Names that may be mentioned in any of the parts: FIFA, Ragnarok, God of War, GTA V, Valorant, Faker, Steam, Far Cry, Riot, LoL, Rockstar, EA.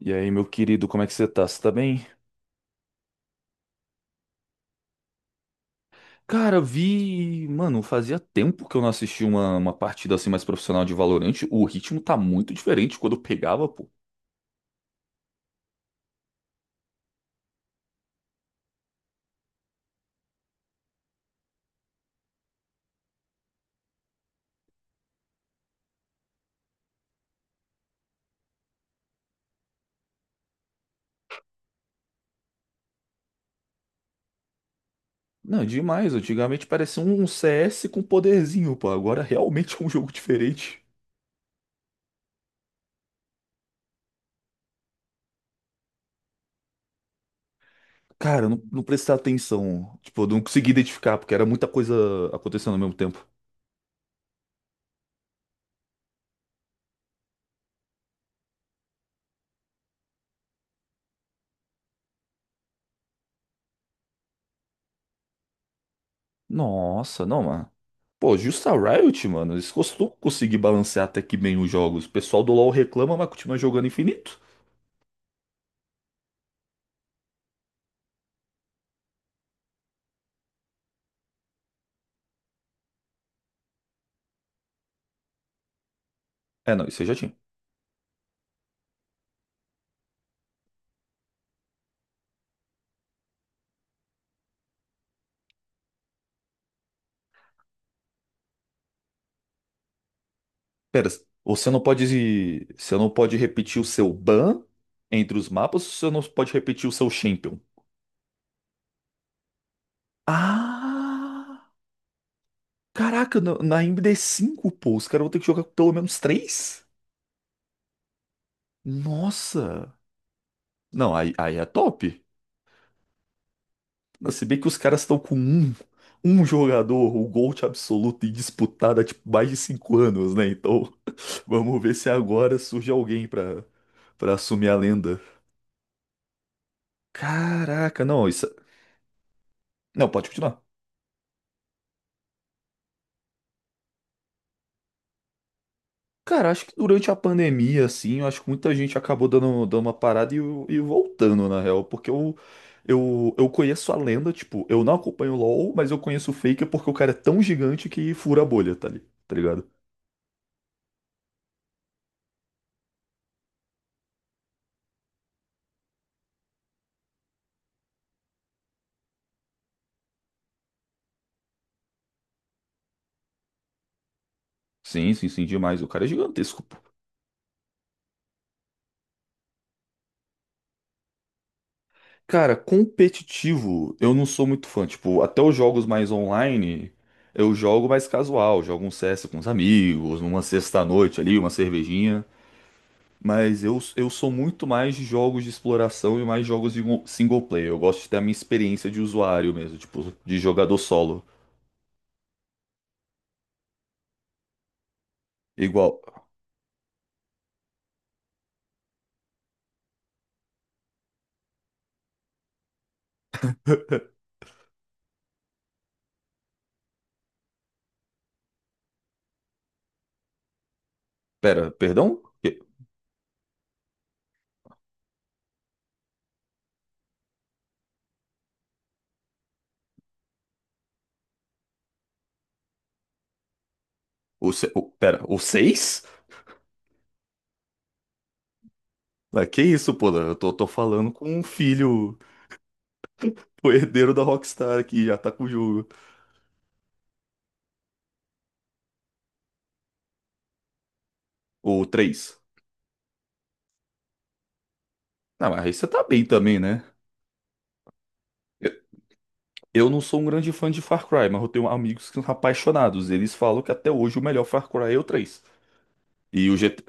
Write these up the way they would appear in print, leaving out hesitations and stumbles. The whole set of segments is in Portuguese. E aí, meu querido, como é que você tá? Você tá bem? Cara, vi. Mano, fazia tempo que eu não assisti uma partida assim mais profissional de Valorante. O ritmo tá muito diferente quando eu pegava, pô. Não, demais. Antigamente parecia um CS com poderzinho, pô. Agora realmente é um jogo diferente. Cara, eu não prestei atenção. Tipo, eu não consegui identificar, porque era muita coisa acontecendo ao mesmo tempo. Nossa, não, mano. Pô, justa Riot, mano. Eles costumam conseguir balancear até que bem os jogos. O pessoal do LoL reclama, mas continua jogando infinito. É, não, isso aí já tinha. Pera, você não pode. Você não pode repetir o seu ban entre os mapas, você não pode repetir o seu champion. Ah! Caraca, na md cinco pô, os caras vão ter que jogar pelo menos três? Nossa! Não, aí é top. Não, se bem que os caras estão com um jogador, o GOAT absoluto e disputado há tipo, mais de 5 anos, né? Então, vamos ver se agora surge alguém pra assumir a lenda. Caraca, não, isso. Não, pode continuar. Cara, acho que durante a pandemia, assim, eu acho que muita gente acabou dando uma parada e voltando, na real, porque eu conheço a lenda, tipo, eu não acompanho o LoL, mas eu conheço o Faker porque o cara é tão gigante que fura a bolha, tá, tá ligado? Sim, sim, sim, demais, o cara é gigantesco, pô. Cara, competitivo, eu não sou muito fã, tipo, até os jogos mais online, eu jogo mais casual, jogo um CS com os amigos, numa sexta-noite ali, uma cervejinha. Mas eu sou muito mais de jogos de exploração e mais jogos de single player. Eu gosto de ter a minha experiência de usuário mesmo, tipo, de jogador solo. Igual. Pera, perdão? Que- O, se- o, pera, O 6? Ah, que isso, pô? Eu tô falando com um filho, o herdeiro da Rockstar que já tá com o jogo. O três. Ah, mas aí você tá bem também, né? Eu, eu não sou um grande fã de Far Cry, mas eu tenho amigos que são apaixonados. Eles falam que até hoje o melhor Far Cry é o 3. E o GT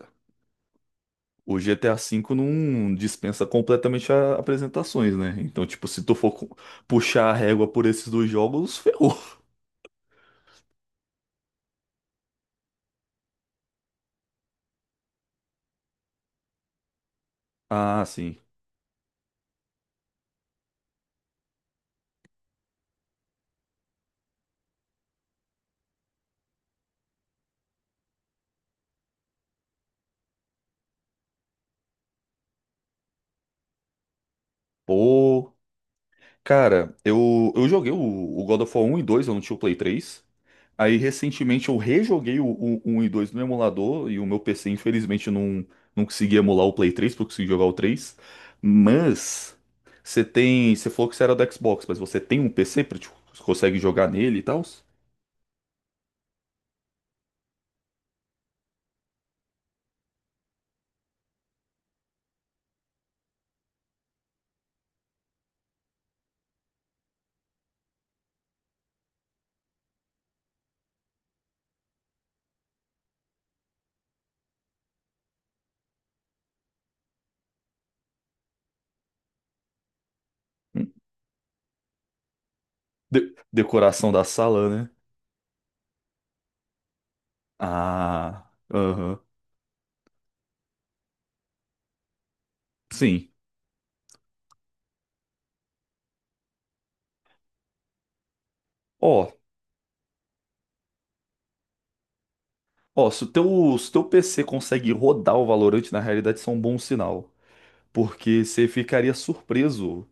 O GTA V não dispensa completamente apresentações, né? Então, tipo, se tu for puxar a régua por esses dois jogos, ferrou. Ah, sim. Pô. Cara, eu joguei o God of War 1 e 2, eu não tinha o Play 3. Aí, recentemente, eu rejoguei o 1 e 2 no emulador e o meu PC, infelizmente, não consegui emular o Play 3, porque eu consegui jogar o 3. Mas, você tem. Você falou que você era do Xbox, mas você tem um PC pra, tipo, você consegue jogar nele e tal? Decoração da sala, né? Ah, aham. Sim. Ó, ó, se o teu, se o teu PC consegue rodar o Valorant, na realidade, isso é um bom sinal. Porque você ficaria surpreso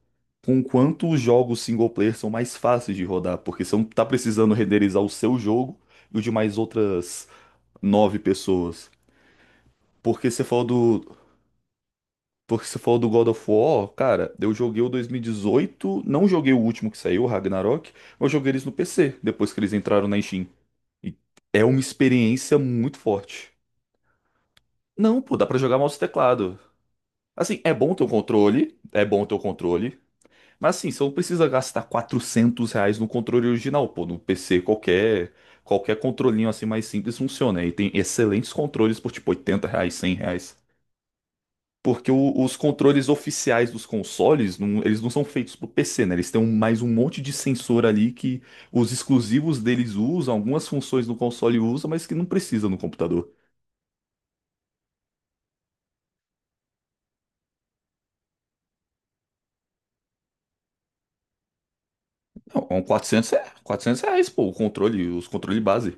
com quanto os jogos single player são mais fáceis de rodar. Porque você não tá precisando renderizar o seu jogo e o de mais outras nove pessoas. Porque você falou do, Porque se for do God of War, cara, eu joguei o 2018, não joguei o último que saiu, o Ragnarok, mas joguei eles no PC, depois que eles entraram na Steam. E é uma experiência muito forte. Não, pô, dá pra jogar mouse e teclado. Assim, é bom ter o controle, é bom ter o controle, mas assim, você não precisa gastar R$ 400 no controle original, pô, no PC qualquer, controlinho assim mais simples funciona. E tem excelentes controles por tipo R$ 80, R$ 100. Porque os controles oficiais dos consoles, eles não são feitos pro PC, né? Eles têm mais um monte de sensor ali que os exclusivos deles usam, algumas funções do console usam, mas que não precisa no computador. Não, R$ 400, pô, o controle, os controle base.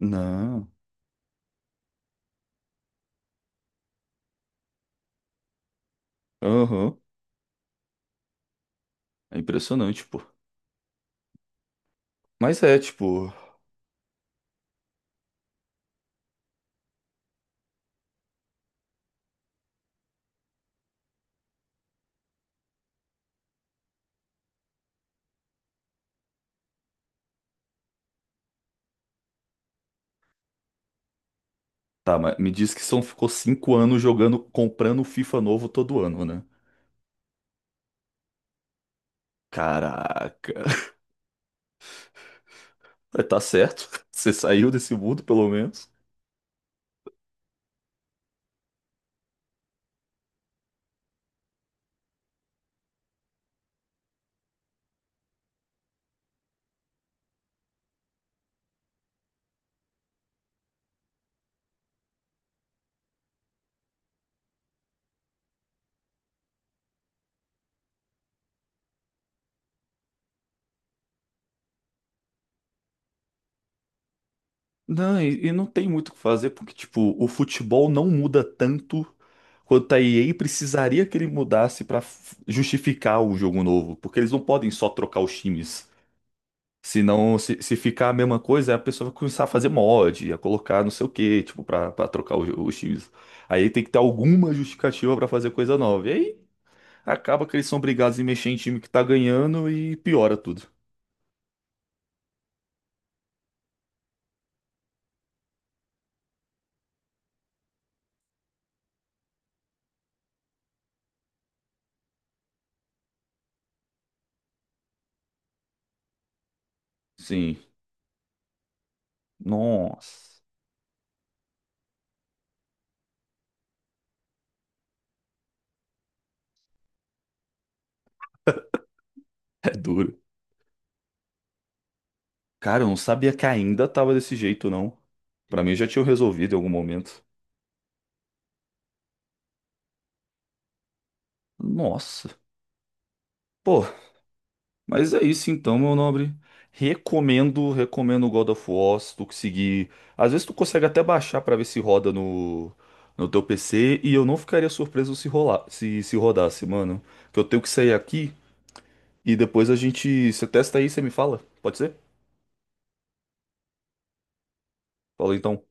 Não, aham, é impressionante, pô. Mas é, tipo, tá, mas me diz que são, ficou 5 anos jogando, comprando FIFA novo todo ano, né? Caraca, tá certo, você saiu desse mundo pelo menos. Não, e não tem muito o que fazer, porque, tipo, o futebol não muda tanto quanto a EA precisaria que ele mudasse pra justificar o jogo novo, porque eles não podem só trocar os times. Senão, se ficar a mesma coisa, a pessoa vai começar a fazer mod, a colocar não sei o que tipo, pra trocar os times. Aí tem que ter alguma justificativa pra fazer coisa nova. E aí acaba que eles são obrigados a mexer em time que tá ganhando e piora tudo. Sim. Nossa, é duro. Cara, eu não sabia que ainda tava desse jeito, não. Pra mim já tinha resolvido em algum momento. Nossa. Pô, mas é isso então, meu nobre. Recomendo o God of War, se tu conseguir. Às vezes tu consegue até baixar pra ver se roda no, teu PC e eu não ficaria surpreso se rolar, se rodasse, mano. Que eu tenho que sair aqui e depois a gente, você testa aí, você me fala. Pode ser? Fala então.